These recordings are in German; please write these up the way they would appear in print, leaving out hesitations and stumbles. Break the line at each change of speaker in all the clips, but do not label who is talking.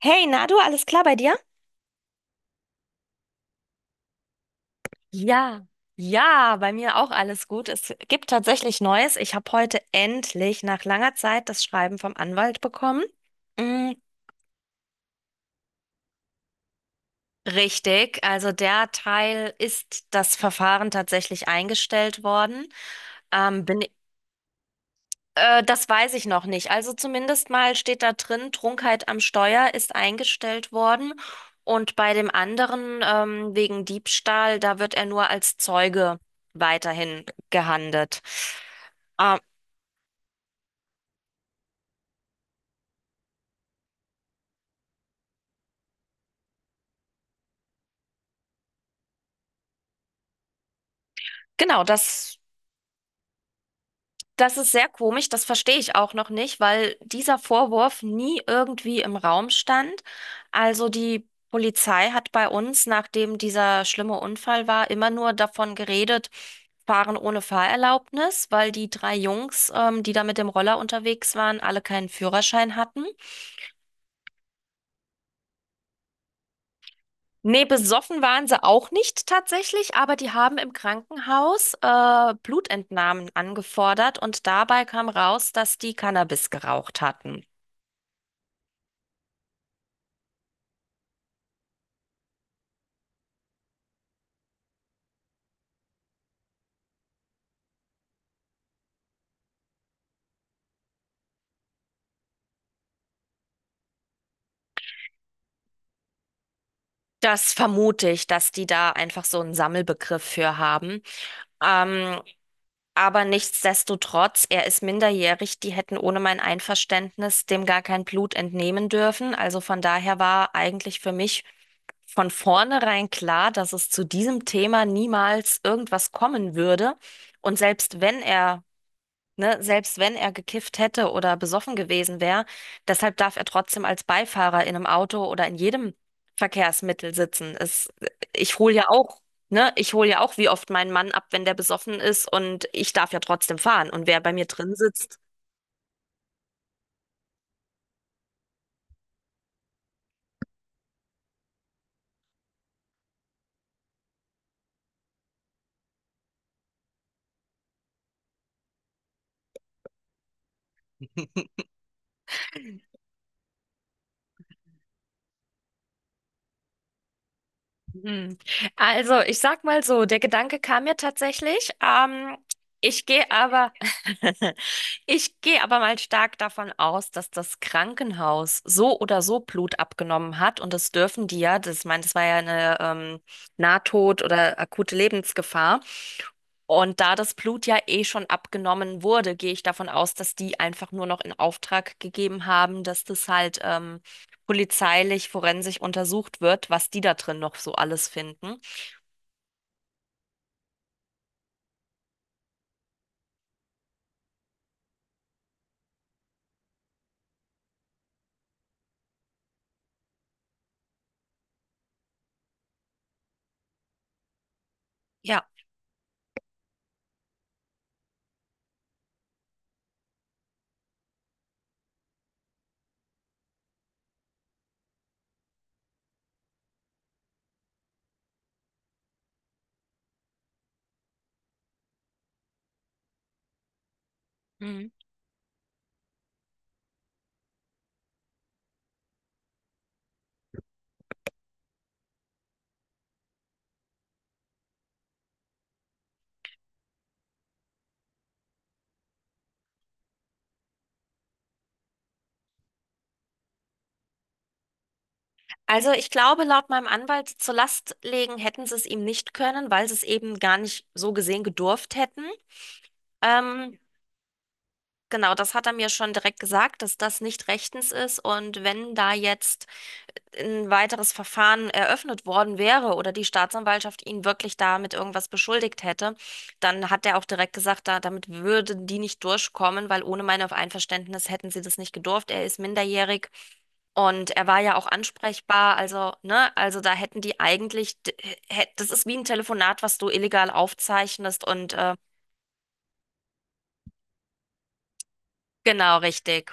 Hey, Nadu, alles klar bei dir? Ja, ja, bei mir auch alles gut. Es gibt tatsächlich Neues. Ich habe heute endlich nach langer Zeit das Schreiben vom Anwalt bekommen. Mm, richtig, also der Teil ist das Verfahren tatsächlich eingestellt worden. Bin Das weiß ich noch nicht. Also zumindest mal steht da drin, Trunkenheit am Steuer ist eingestellt worden. Und bei dem anderen, wegen Diebstahl, da wird er nur als Zeuge weiterhin gehandelt. Ähm, genau, das. Das ist sehr komisch, das verstehe ich auch noch nicht, weil dieser Vorwurf nie irgendwie im Raum stand. Also die Polizei hat bei uns, nachdem dieser schlimme Unfall war, immer nur davon geredet, fahren ohne Fahrerlaubnis, weil die drei Jungs, die da mit dem Roller unterwegs waren, alle keinen Führerschein hatten. Nee, besoffen waren sie auch nicht tatsächlich, aber die haben im Krankenhaus, Blutentnahmen angefordert und dabei kam raus, dass die Cannabis geraucht hatten. Das vermute ich, dass die da einfach so einen Sammelbegriff für haben. Ähm, aber nichtsdestotrotz, er ist minderjährig. Die hätten ohne mein Einverständnis dem gar kein Blut entnehmen dürfen. Also von daher war eigentlich für mich von vornherein klar, dass es zu diesem Thema niemals irgendwas kommen würde. Und selbst wenn er ne, Selbst wenn er gekifft hätte oder besoffen gewesen wäre, deshalb darf er trotzdem als Beifahrer in einem Auto oder in jedem Verkehrsmittel sitzen. Es, ich hole ja auch, ne, Ich hole ja auch wie oft meinen Mann ab, wenn der besoffen ist und ich darf ja trotzdem fahren. Und wer bei mir drin sitzt. Hm. Also, ich sag mal so, der Gedanke kam mir tatsächlich. Ich gehe aber, Ich gehe aber mal stark davon aus, dass das Krankenhaus so oder so Blut abgenommen hat und das dürfen die ja. Ich meine, das war ja eine Nahtod- oder akute Lebensgefahr. Und da das Blut ja eh schon abgenommen wurde, gehe ich davon aus, dass die einfach nur noch in Auftrag gegeben haben, dass das halt polizeilich, forensisch untersucht wird, was die da drin noch so alles finden. Ja. Mhm. Also ich glaube, laut meinem Anwalt zur Last legen hätten sie es ihm nicht können, weil sie es eben gar nicht so gesehen gedurft hätten. Ähm, genau, das hat er mir schon direkt gesagt, dass das nicht rechtens ist. Und wenn da jetzt ein weiteres Verfahren eröffnet worden wäre oder die Staatsanwaltschaft ihn wirklich damit irgendwas beschuldigt hätte, dann hat er auch direkt gesagt, da, damit würden die nicht durchkommen, weil ohne mein Einverständnis hätten sie das nicht gedurft. Er ist minderjährig und er war ja auch ansprechbar, also, ne, also da hätten die eigentlich, das ist wie ein Telefonat, was du illegal aufzeichnest und genau richtig.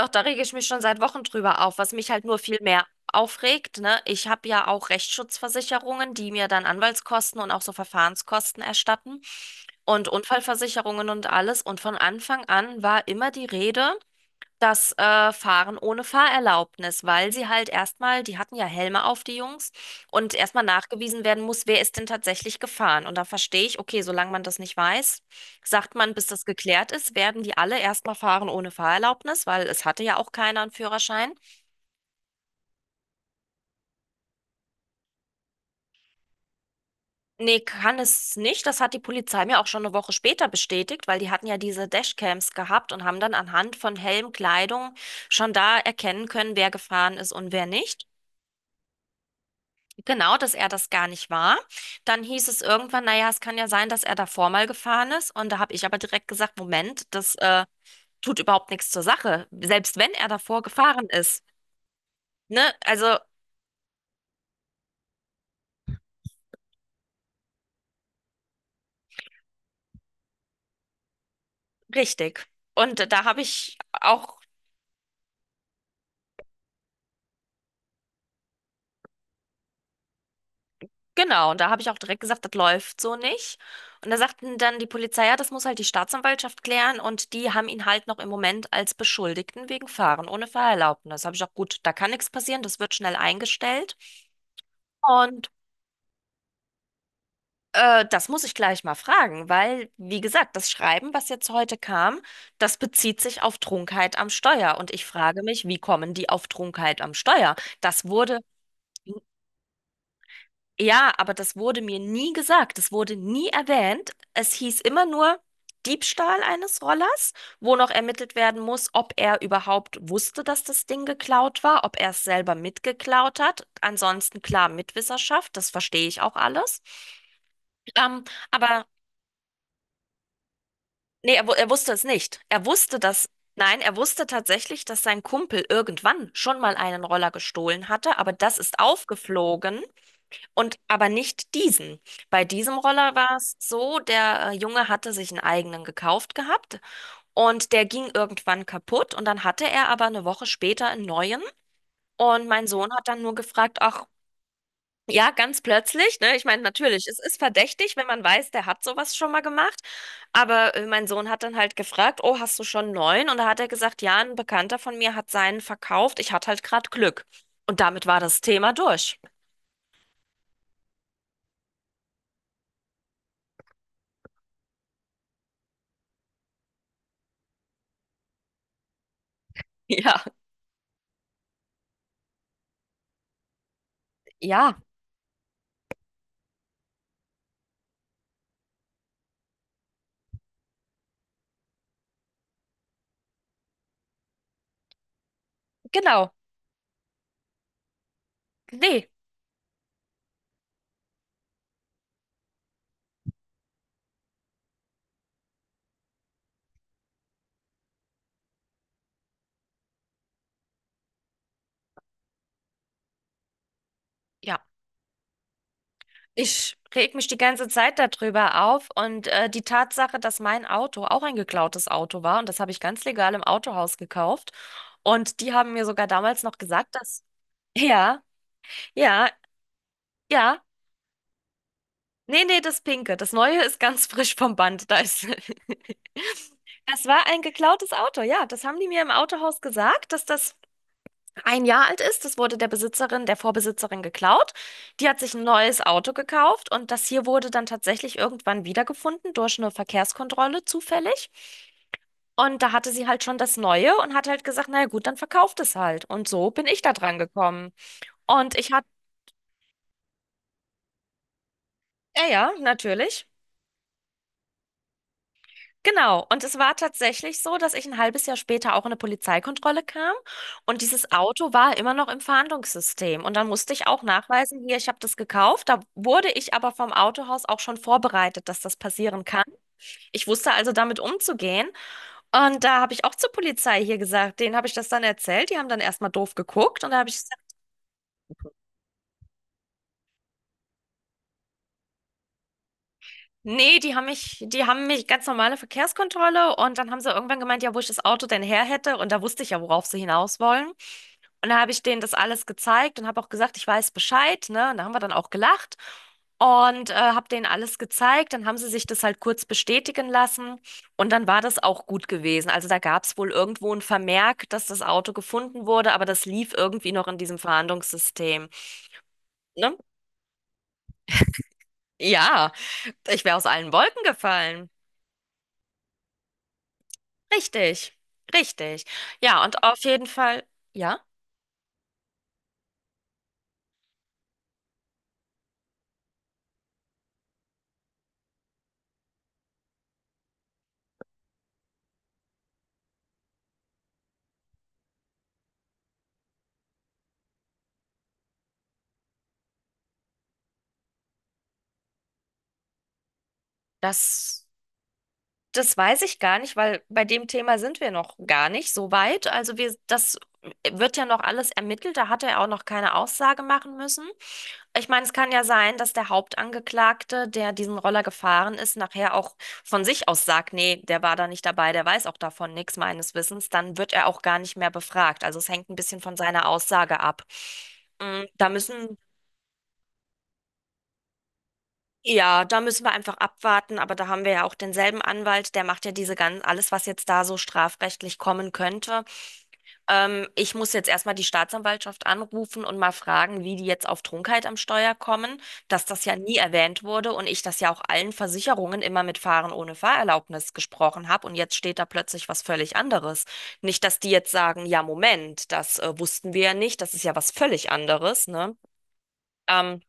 Auch da rege ich mich schon seit Wochen drüber auf, was mich halt nur viel mehr aufregt, ne? Ich habe ja auch Rechtsschutzversicherungen, die mir dann Anwaltskosten und auch so Verfahrenskosten erstatten und Unfallversicherungen und alles. Und von Anfang an war immer die Rede, das Fahren ohne Fahrerlaubnis, weil sie halt erstmal, die hatten ja Helme auf, die Jungs, und erstmal nachgewiesen werden muss, wer ist denn tatsächlich gefahren. Und da verstehe ich, okay, solange man das nicht weiß, sagt man, bis das geklärt ist, werden die alle erstmal fahren ohne Fahrerlaubnis, weil es hatte ja auch keiner einen Führerschein. Nee, kann es nicht. Das hat die Polizei mir auch schon eine Woche später bestätigt, weil die hatten ja diese Dashcams gehabt und haben dann anhand von Helm, Kleidung schon da erkennen können, wer gefahren ist und wer nicht. Genau, dass er das gar nicht war. Dann hieß es irgendwann, naja, es kann ja sein, dass er davor mal gefahren ist. Und da habe ich aber direkt gesagt, Moment, das tut überhaupt nichts zur Sache. Selbst wenn er davor gefahren ist. Ne? Also richtig. Und da habe ich auch, genau, und da habe ich auch direkt gesagt, das läuft so nicht. Und da sagten dann die Polizei, ja, das muss halt die Staatsanwaltschaft klären. Und die haben ihn halt noch im Moment als Beschuldigten wegen Fahren ohne Fahrerlaubnis. Das habe ich auch, gut, da kann nichts passieren, das wird schnell eingestellt. Und das muss ich gleich mal fragen, weil, wie gesagt, das Schreiben, was jetzt heute kam, das bezieht sich auf Trunkenheit am Steuer. Und ich frage mich, wie kommen die auf Trunkenheit am Steuer? Das wurde, ja, aber das wurde mir nie gesagt. Das wurde nie erwähnt. Es hieß immer nur Diebstahl eines Rollers, wo noch ermittelt werden muss, ob er überhaupt wusste, dass das Ding geklaut war, ob er es selber mitgeklaut hat. Ansonsten klar Mitwisserschaft, das verstehe ich auch alles. Ähm, aber nee, er wusste es nicht. Er wusste das. Nein, er wusste tatsächlich, dass sein Kumpel irgendwann schon mal einen Roller gestohlen hatte, aber das ist aufgeflogen und aber nicht diesen. Bei diesem Roller war es so, der Junge hatte sich einen eigenen gekauft gehabt und der ging irgendwann kaputt und dann hatte er aber eine Woche später einen neuen und mein Sohn hat dann nur gefragt, ach, ja, ganz plötzlich, ne? Ich meine, natürlich, es ist verdächtig, wenn man weiß, der hat sowas schon mal gemacht. Aber mein Sohn hat dann halt gefragt, oh, hast du schon einen neuen? Und da hat er gesagt, ja, ein Bekannter von mir hat seinen verkauft. Ich hatte halt gerade Glück. Und damit war das Thema durch. Ja, ja, genau. Nee, ja. Ich reg mich die ganze Zeit darüber auf und die Tatsache, dass mein Auto auch ein geklautes Auto war und das habe ich ganz legal im Autohaus gekauft. Und die haben mir sogar damals noch gesagt, dass, ja, ja, ja, nee, nee, das Pinke. Das Neue ist ganz frisch vom Band. Da ist, das war ein geklautes Auto. Ja, das haben die mir im Autohaus gesagt, dass das ein Jahr alt ist. Das wurde der Besitzerin, der Vorbesitzerin geklaut. Die hat sich ein neues Auto gekauft und das hier wurde dann tatsächlich irgendwann wiedergefunden durch eine Verkehrskontrolle zufällig. Und da hatte sie halt schon das Neue und hat halt gesagt, naja gut, dann verkauft es halt. Und so bin ich da dran gekommen. Und ich hatte, ja, ja, natürlich. Genau, und es war tatsächlich so, dass ich ein halbes Jahr später auch in eine Polizeikontrolle kam und dieses Auto war immer noch im Fahndungssystem. Und dann musste ich auch nachweisen, hier, ich habe das gekauft. Da wurde ich aber vom Autohaus auch schon vorbereitet, dass das passieren kann. Ich wusste also damit umzugehen. Und da habe ich auch zur Polizei hier gesagt, denen habe ich das dann erzählt. Die haben dann erstmal doof geguckt und da habe ich gesagt, nee, die haben mich ganz normale Verkehrskontrolle und dann haben sie irgendwann gemeint, ja, wo ich das Auto denn her hätte und da wusste ich ja, worauf sie hinaus wollen. Und da habe ich denen das alles gezeigt und habe auch gesagt, ich weiß Bescheid, ne? Und da haben wir dann auch gelacht und habe denen alles gezeigt. Dann haben sie sich das halt kurz bestätigen lassen und dann war das auch gut gewesen. Also da gab es wohl irgendwo ein Vermerk, dass das Auto gefunden wurde, aber das lief irgendwie noch in diesem Verhandlungssystem, ne? Ja, ich wäre aus allen Wolken gefallen. Richtig, richtig. Ja, und auf jeden Fall, ja, das, das weiß ich gar nicht, weil bei dem Thema sind wir noch gar nicht so weit. Also wir, das wird ja noch alles ermittelt. Da hat er auch noch keine Aussage machen müssen. Ich meine, es kann ja sein, dass der Hauptangeklagte, der diesen Roller gefahren ist, nachher auch von sich aus sagt, nee, der war da nicht dabei, der weiß auch davon nichts meines Wissens. Dann wird er auch gar nicht mehr befragt. Also es hängt ein bisschen von seiner Aussage ab. Mm, Da müssen Ja, da müssen wir einfach abwarten, aber da haben wir ja auch denselben Anwalt, der macht ja diese ganzen, alles, was jetzt da so strafrechtlich kommen könnte. Ich muss jetzt erstmal die Staatsanwaltschaft anrufen und mal fragen, wie die jetzt auf Trunkenheit am Steuer kommen, dass das ja nie erwähnt wurde und ich das ja auch allen Versicherungen immer mit Fahren ohne Fahrerlaubnis gesprochen habe und jetzt steht da plötzlich was völlig anderes. Nicht, dass die jetzt sagen, ja, Moment, das wussten wir ja nicht, das ist ja was völlig anderes, ne? Ähm,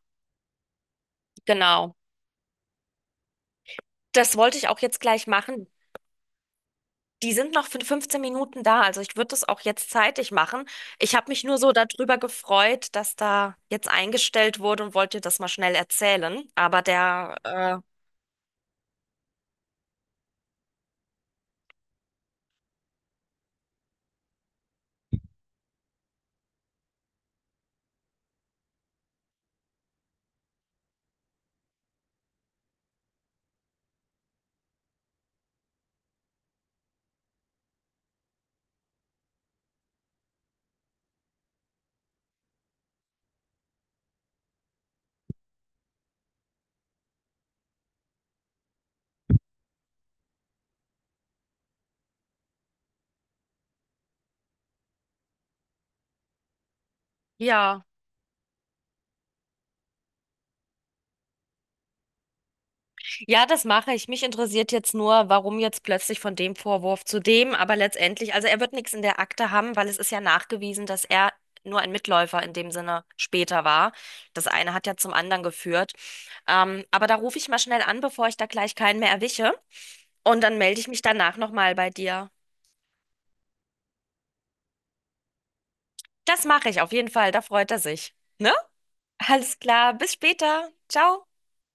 genau. Das wollte ich auch jetzt gleich machen. Die sind noch für 15 Minuten da, also ich würde das auch jetzt zeitig machen. Ich habe mich nur so darüber gefreut, dass da jetzt eingestellt wurde und wollte das mal schnell erzählen. Aber der, ja. Ja, das mache ich. Mich interessiert jetzt nur, warum jetzt plötzlich von dem Vorwurf zu dem, aber letztendlich, also er wird nichts in der Akte haben, weil es ist ja nachgewiesen, dass er nur ein Mitläufer in dem Sinne später war. Das eine hat ja zum anderen geführt. Aber da rufe ich mal schnell an, bevor ich da gleich keinen mehr erwische. Und dann melde ich mich danach nochmal bei dir. Das mache ich auf jeden Fall, da freut er sich. Ne? Alles klar, bis später. Ciao.